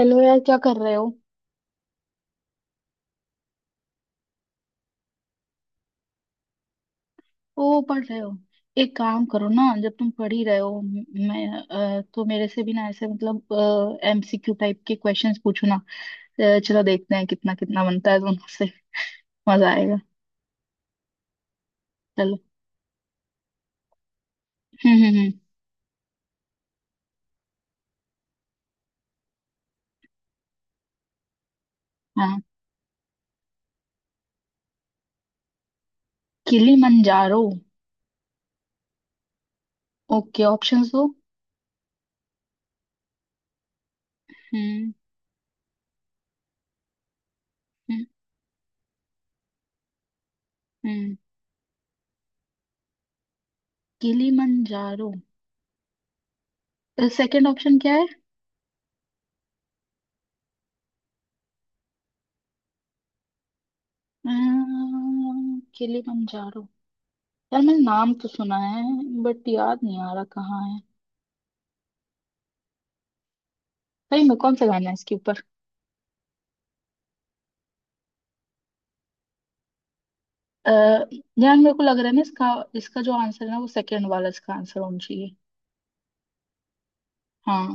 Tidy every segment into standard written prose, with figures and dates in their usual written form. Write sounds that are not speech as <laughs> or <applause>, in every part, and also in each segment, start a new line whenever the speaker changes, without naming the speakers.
Hello यार, क्या कर रहे हो? ओ, पढ़ रहे हो। एक काम करो ना, जब तुम पढ़ ही रहे हो मैं तो मेरे से भी ना, ऐसे मतलब एमसीक्यू टाइप के क्वेश्चंस पूछो ना। चलो देखते हैं कितना कितना बनता है दोनों से। मजा आएगा। चलो। हम्म हम्म हम्म हाँ। किलिमंजारो। ओके, ऑप्शंस दो। हम्म हम्म हम्म किलिमंजारो। सेकंड ऑप्शन क्या है? अ, किलिमंजारो। यार, मैंने नाम तो सुना है, बट याद नहीं आ रहा कहाँ। भाई मेरे को कौन सा गाना है इसके ऊपर? अः यार, मेरे को लग रहा है ना इसका, इसका जो आंसर है ना, वो सेकंड वाला इसका आंसर होना चाहिए। हाँ।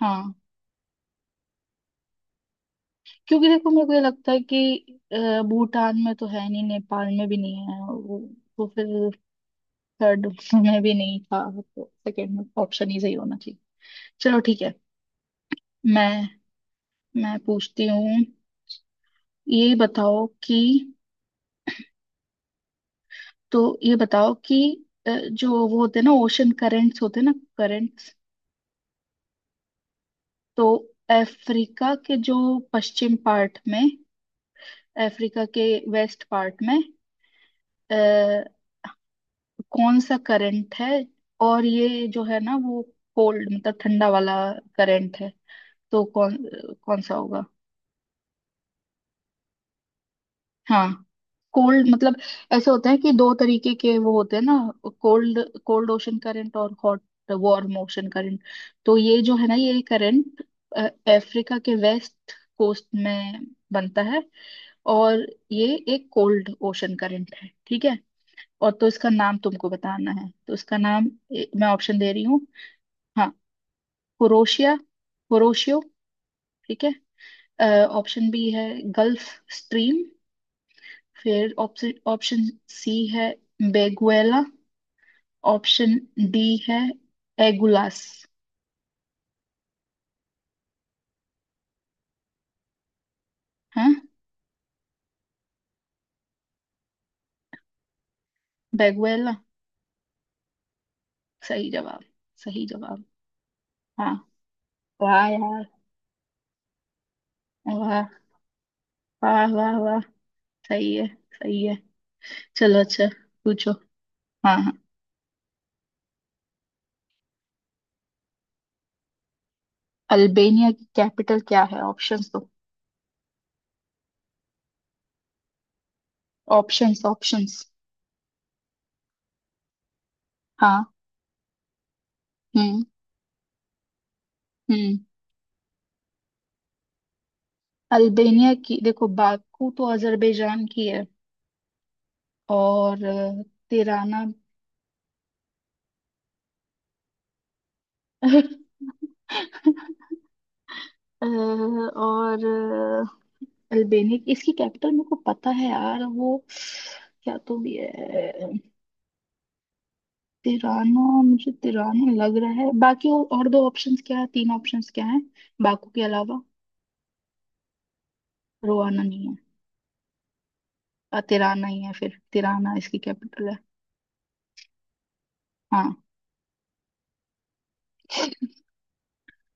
हाँ। क्योंकि देखो, मेरे को ये लगता है कि भूटान में तो है नहीं, नेपाल में भी नहीं है वो। तो फिर थर्ड <laughs> में भी नहीं था, तो सेकंड ऑप्शन ही सही होना चाहिए। चलो, ठीक है। मैं मैं पूछती हूँ। ये बताओ कि, तो ये बताओ कि जो वो होते हैं ना, ओशन करेंट्स होते हैं ना, करेंट्स। तो अफ्रीका के जो पश्चिम पार्ट में, अफ्रीका के वेस्ट पार्ट में अ, कौन सा करंट है? और ये जो है ना वो कोल्ड मतलब ठंडा वाला करंट है। तो कौन कौन सा होगा? हाँ, कोल्ड मतलब ऐसे होता है कि दो तरीके के वो होते हैं ना। कोल्ड कोल्ड ओशन करंट और हॉट, वार्म ओशन करंट। तो ये जो है ना, ये करंट अफ्रीका के वेस्ट कोस्ट में बनता है, और ये एक कोल्ड ओशन करंट है, ठीक है। और तो इसका नाम तुमको बताना है, तो इसका नाम, ए, मैं ऑप्शन दे रही हूँ। हाँ, कुरोशिया, कुरोशियो, ठीक है। ऑप्शन बी है गल्फ स्ट्रीम। फिर ऑप्शन ऑप्शन सी है बेगुएला। ऑप्शन डी है एगुलास। हाँ, बेगुएला। सही जवाब, सही जवाब। हाँ। वाह यार। वाह वाह वाह वाह सही है, सही है। चलो, अच्छा। पूछो। हाँ। अल्बेनिया की कैपिटल क्या है? ऑप्शंस दो। ऑप्शंस ऑप्शंस हाँ। हम्म हम्म अल्बेनिया की, देखो, बाकू तो अजरबैजान की है। और तिराना। <laughs> अ, और अ, अल्बेनिया की- इसकी कैपिटल मेरे को पता है यार, वो क्या तो भी है, तिराना। मुझे तिराना लग रहा है। बाकी और दो ऑप्शंस क्या है, तीन ऑप्शंस क्या है बाकू के अलावा? रोआना नहीं है? तिराना ही है, फिर तिराना इसकी कैपिटल है। हाँ।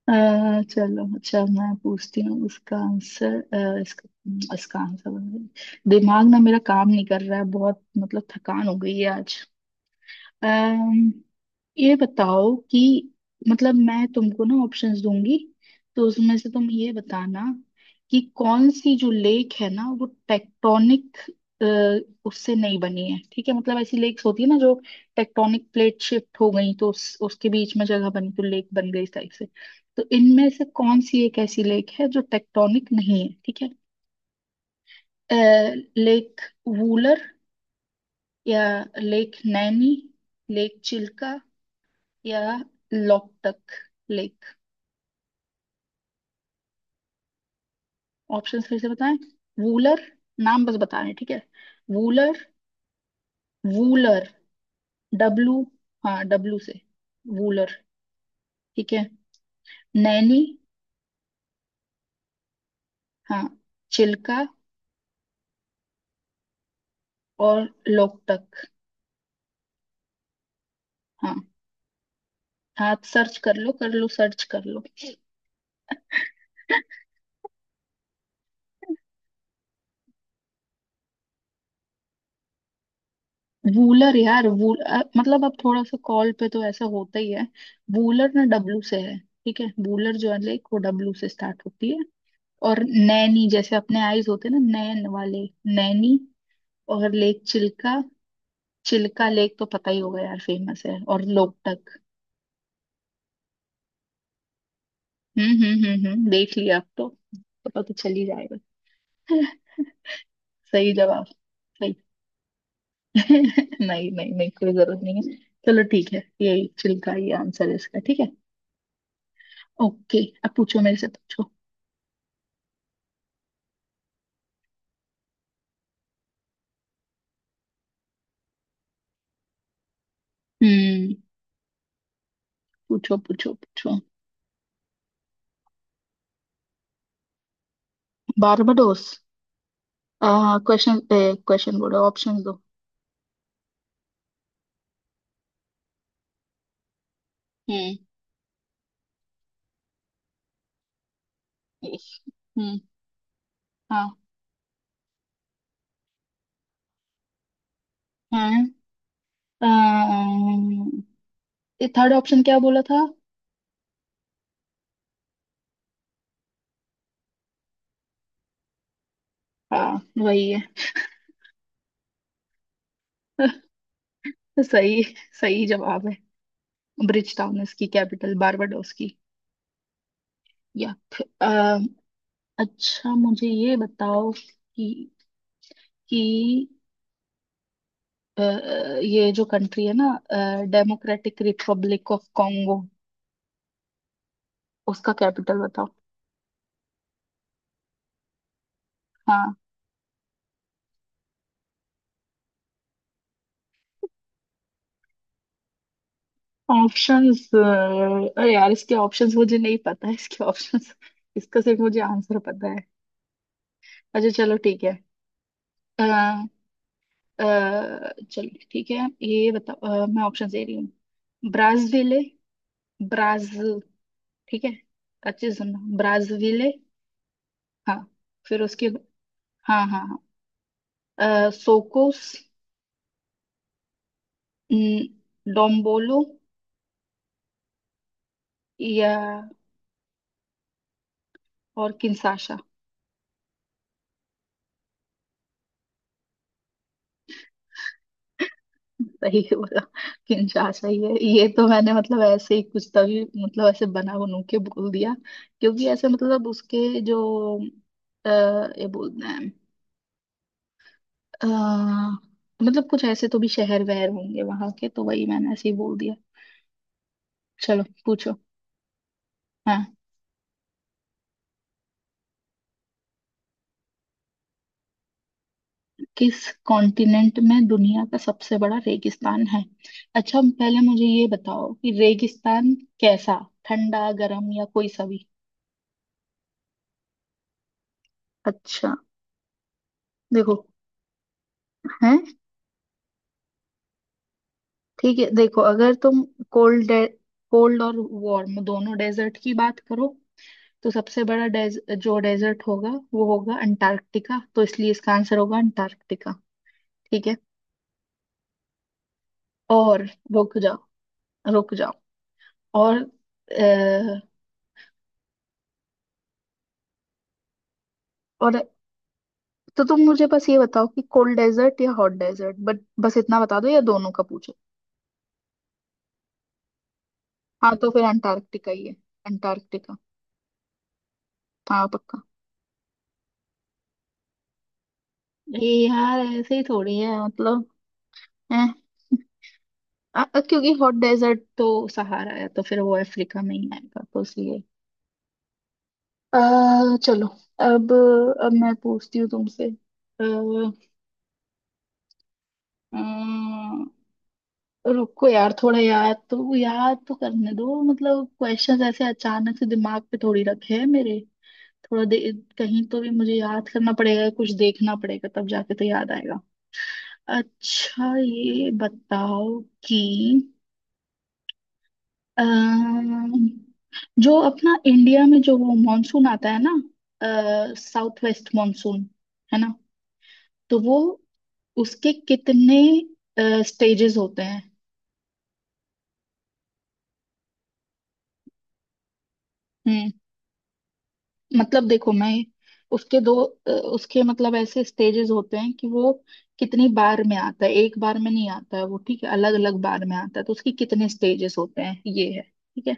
अ, चलो अच्छा, मैं पूछती हूँ इसका आंसर। अ, इसका इसका आंसर, दिमाग ना मेरा काम नहीं कर रहा है बहुत, मतलब थकान हो गई है आज। अम्म ये बताओ कि, मतलब मैं तुमको ना ऑप्शंस दूंगी, तो उसमें से तुम ये बताना कि कौन सी जो लेक है ना, वो टेक्टोनिक उससे नहीं बनी है, ठीक है। मतलब ऐसी लेक्स होती है ना, जो टेक्टोनिक प्लेट शिफ्ट हो गई तो उसके बीच में जगह बनी, तो लेक बन गई इस टाइप से। तो इनमें से कौन सी एक ऐसी लेक है जो टेक्टोनिक नहीं है, ठीक है। लेक वूलर, या लेक नैनी, लेक चिल्का, या लोकटक लेक। ऑप्शंस फिर से बताएं। वूलर, नाम बस बताएं, ठीक है। वूलर। वूलर। डब्लू। हाँ, डब्लू से वूलर, ठीक है। नैनी। हाँ। चिल्का। और लोकटक। हाँ, आप सर्च कर लो, कर लो, सर्च कर लो। <laughs> वूलर यार, वूल, मतलब अब थोड़ा सा कॉल पे तो ऐसा होता ही है। वूलर ना डब्लू से है। ठीक है, वूलर जो है लेक, वो डब्लू से स्टार्ट होती है। और नैनी, जैसे अपने आईज होते हैं ना, नैन वाले, नैनी। और लेक चिल्का, चिल्का लेक तो पता ही होगा यार, फेमस है। और लोकटक। देख लिया आप तो, पता तो चल ही जाएगा। <laughs> सही जवाब। सही। <laughs> नहीं नहीं नहीं कोई जरूरत नहीं है। चलो ठीक है, यही चिल्का ही आंसर है इसका, ठीक है। ओके। अब पूछो, मेरे से पूछो। हम्म। पूछो। बारबाडोस। क्वेश्चन, क्वेश्चन बोलो, ऑप्शन दो। हम्म हम्म हाँ। हाँ। अम्म, ये थर्ड ऑप्शन क्या बोला था? हाँ, वही है। <laughs> सही, सही जवाब है। ब्रिज टाउन, इसकी कैपिटल बारबाडोस की। या फिर, अ, अच्छा, मुझे ये बताओ कि अ, ये जो कंट्री है ना, डेमोक्रेटिक रिपब्लिक ऑफ कॉन्गो, उसका कैपिटल बताओ। हाँ। ऑप्शंस, अरे यार, इसके ऑप्शंस मुझे नहीं पता है। इसके ऑप्शंस, इसका सिर्फ मुझे आंसर पता है। अच्छा चलो, ठीक है। अ, चलिए ठीक है, ये बताओ। मैं ऑप्शन दे रही हूँ। ब्राजीले, ब्राज, ठीक है, अच्छे से सुनना, ब्राजीले। हाँ, फिर उसके, हाँ हाँ, हाँ सोकोस, डोम्बोलो, या, और किंशासा। सही <laughs> बोला, किंशासा ही है। ये तो मैंने मतलब ऐसे ही, कुछ तभी मतलब ऐसे बना बनू के बोल दिया, क्योंकि ऐसे मतलब उसके जो अ, ये बोलते हैं, अ, मतलब कुछ ऐसे तो भी शहर वहर होंगे वहां के, तो वही मैंने ऐसे ही बोल दिया। चलो, पूछो। हाँ। किस कॉन्टिनेंट में दुनिया का सबसे बड़ा रेगिस्तान है? अच्छा, पहले मुझे ये बताओ कि रेगिस्तान कैसा? ठंडा, गर्म, या कोई सा भी? अच्छा। देखो, है, ठीक है। देखो, अगर तुम कोल्ड कोल्ड और वार्म दोनों डेजर्ट की बात करो, तो सबसे बड़ा जो डेजर्ट होगा वो होगा अंटार्कटिका। तो इसलिए इसका आंसर होगा अंटार्कटिका, ठीक है। और रुक जाओ रुक जाओ। और अ, और तो तुम मुझे बस ये बताओ कि कोल्ड डेजर्ट या हॉट डेजर्ट, बट बस इतना बता दो, या दोनों का पूछो। हाँ, तो फिर अंटार्कटिका ही है। अंटार्कटिका। हाँ, पक्का। ये यार ऐसे ही थोड़ी है मतलब, हैं? <laughs> क्योंकि हॉट डेजर्ट तो सहारा है, तो फिर वो अफ्रीका में ही आएगा, तो इसलिए। चलो, अब अब मैं पूछती हूँ तुमसे। अ, अ, रुको यार, थोड़ा याद तो करने दो, मतलब क्वेश्चंस ऐसे अचानक से दिमाग पे थोड़ी रखे हैं मेरे। थोड़ा दे, कहीं तो भी मुझे याद करना पड़ेगा, कुछ देखना पड़ेगा, तब जाके तो याद आएगा। अच्छा ये बताओ कि, अम, जो अपना इंडिया में जो वो मॉनसून आता है ना, साउथ वेस्ट मॉनसून, है ना, तो वो उसके कितने स्टेजेस होते हैं? हम्म, मतलब देखो मैं, उसके दो, उसके मतलब ऐसे स्टेजेस होते हैं कि वो कितनी बार में आता है, एक बार में नहीं आता है वो, ठीक है, अलग अलग बार में आता है, तो उसके कितने स्टेजेस होते हैं, ये है, ठीक है।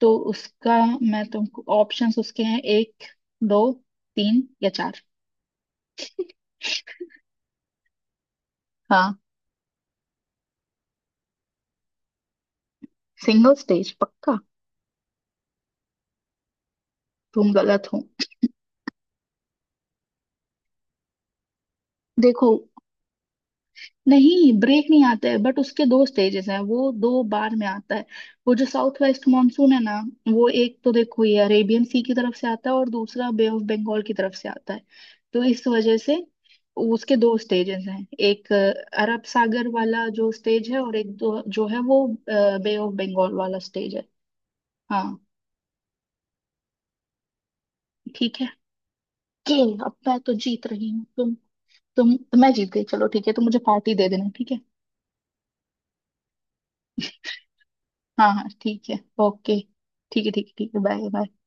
तो उसका, मैं तुमको ऑप्शंस, उसके हैं एक, दो, तीन या चार। हाँ, सिंगल स्टेज पक्का? तुम गलत हो। देखो, नहीं ब्रेक नहीं आता है, बट उसके दो स्टेजेस हैं, वो दो बार में आता है। वो जो साउथ वेस्ट मानसून है ना, वो एक तो देखो ये अरेबियन सी की तरफ से आता है, और दूसरा बे ऑफ बंगाल की तरफ से आता है। तो इस वजह से उसके दो स्टेजेस हैं, एक अरब सागर वाला जो स्टेज है, और एक दो जो है वो बे ऑफ बंगाल वाला स्टेज है। हाँ, ठीक है। ये अब मैं तो जीत रही हूँ तुम, मैं जीत गई। चलो ठीक है, तुम मुझे पार्टी दे देना, ठीक है। हाँ हाँ ठीक है, ओके। ठीक है, बाय बाय।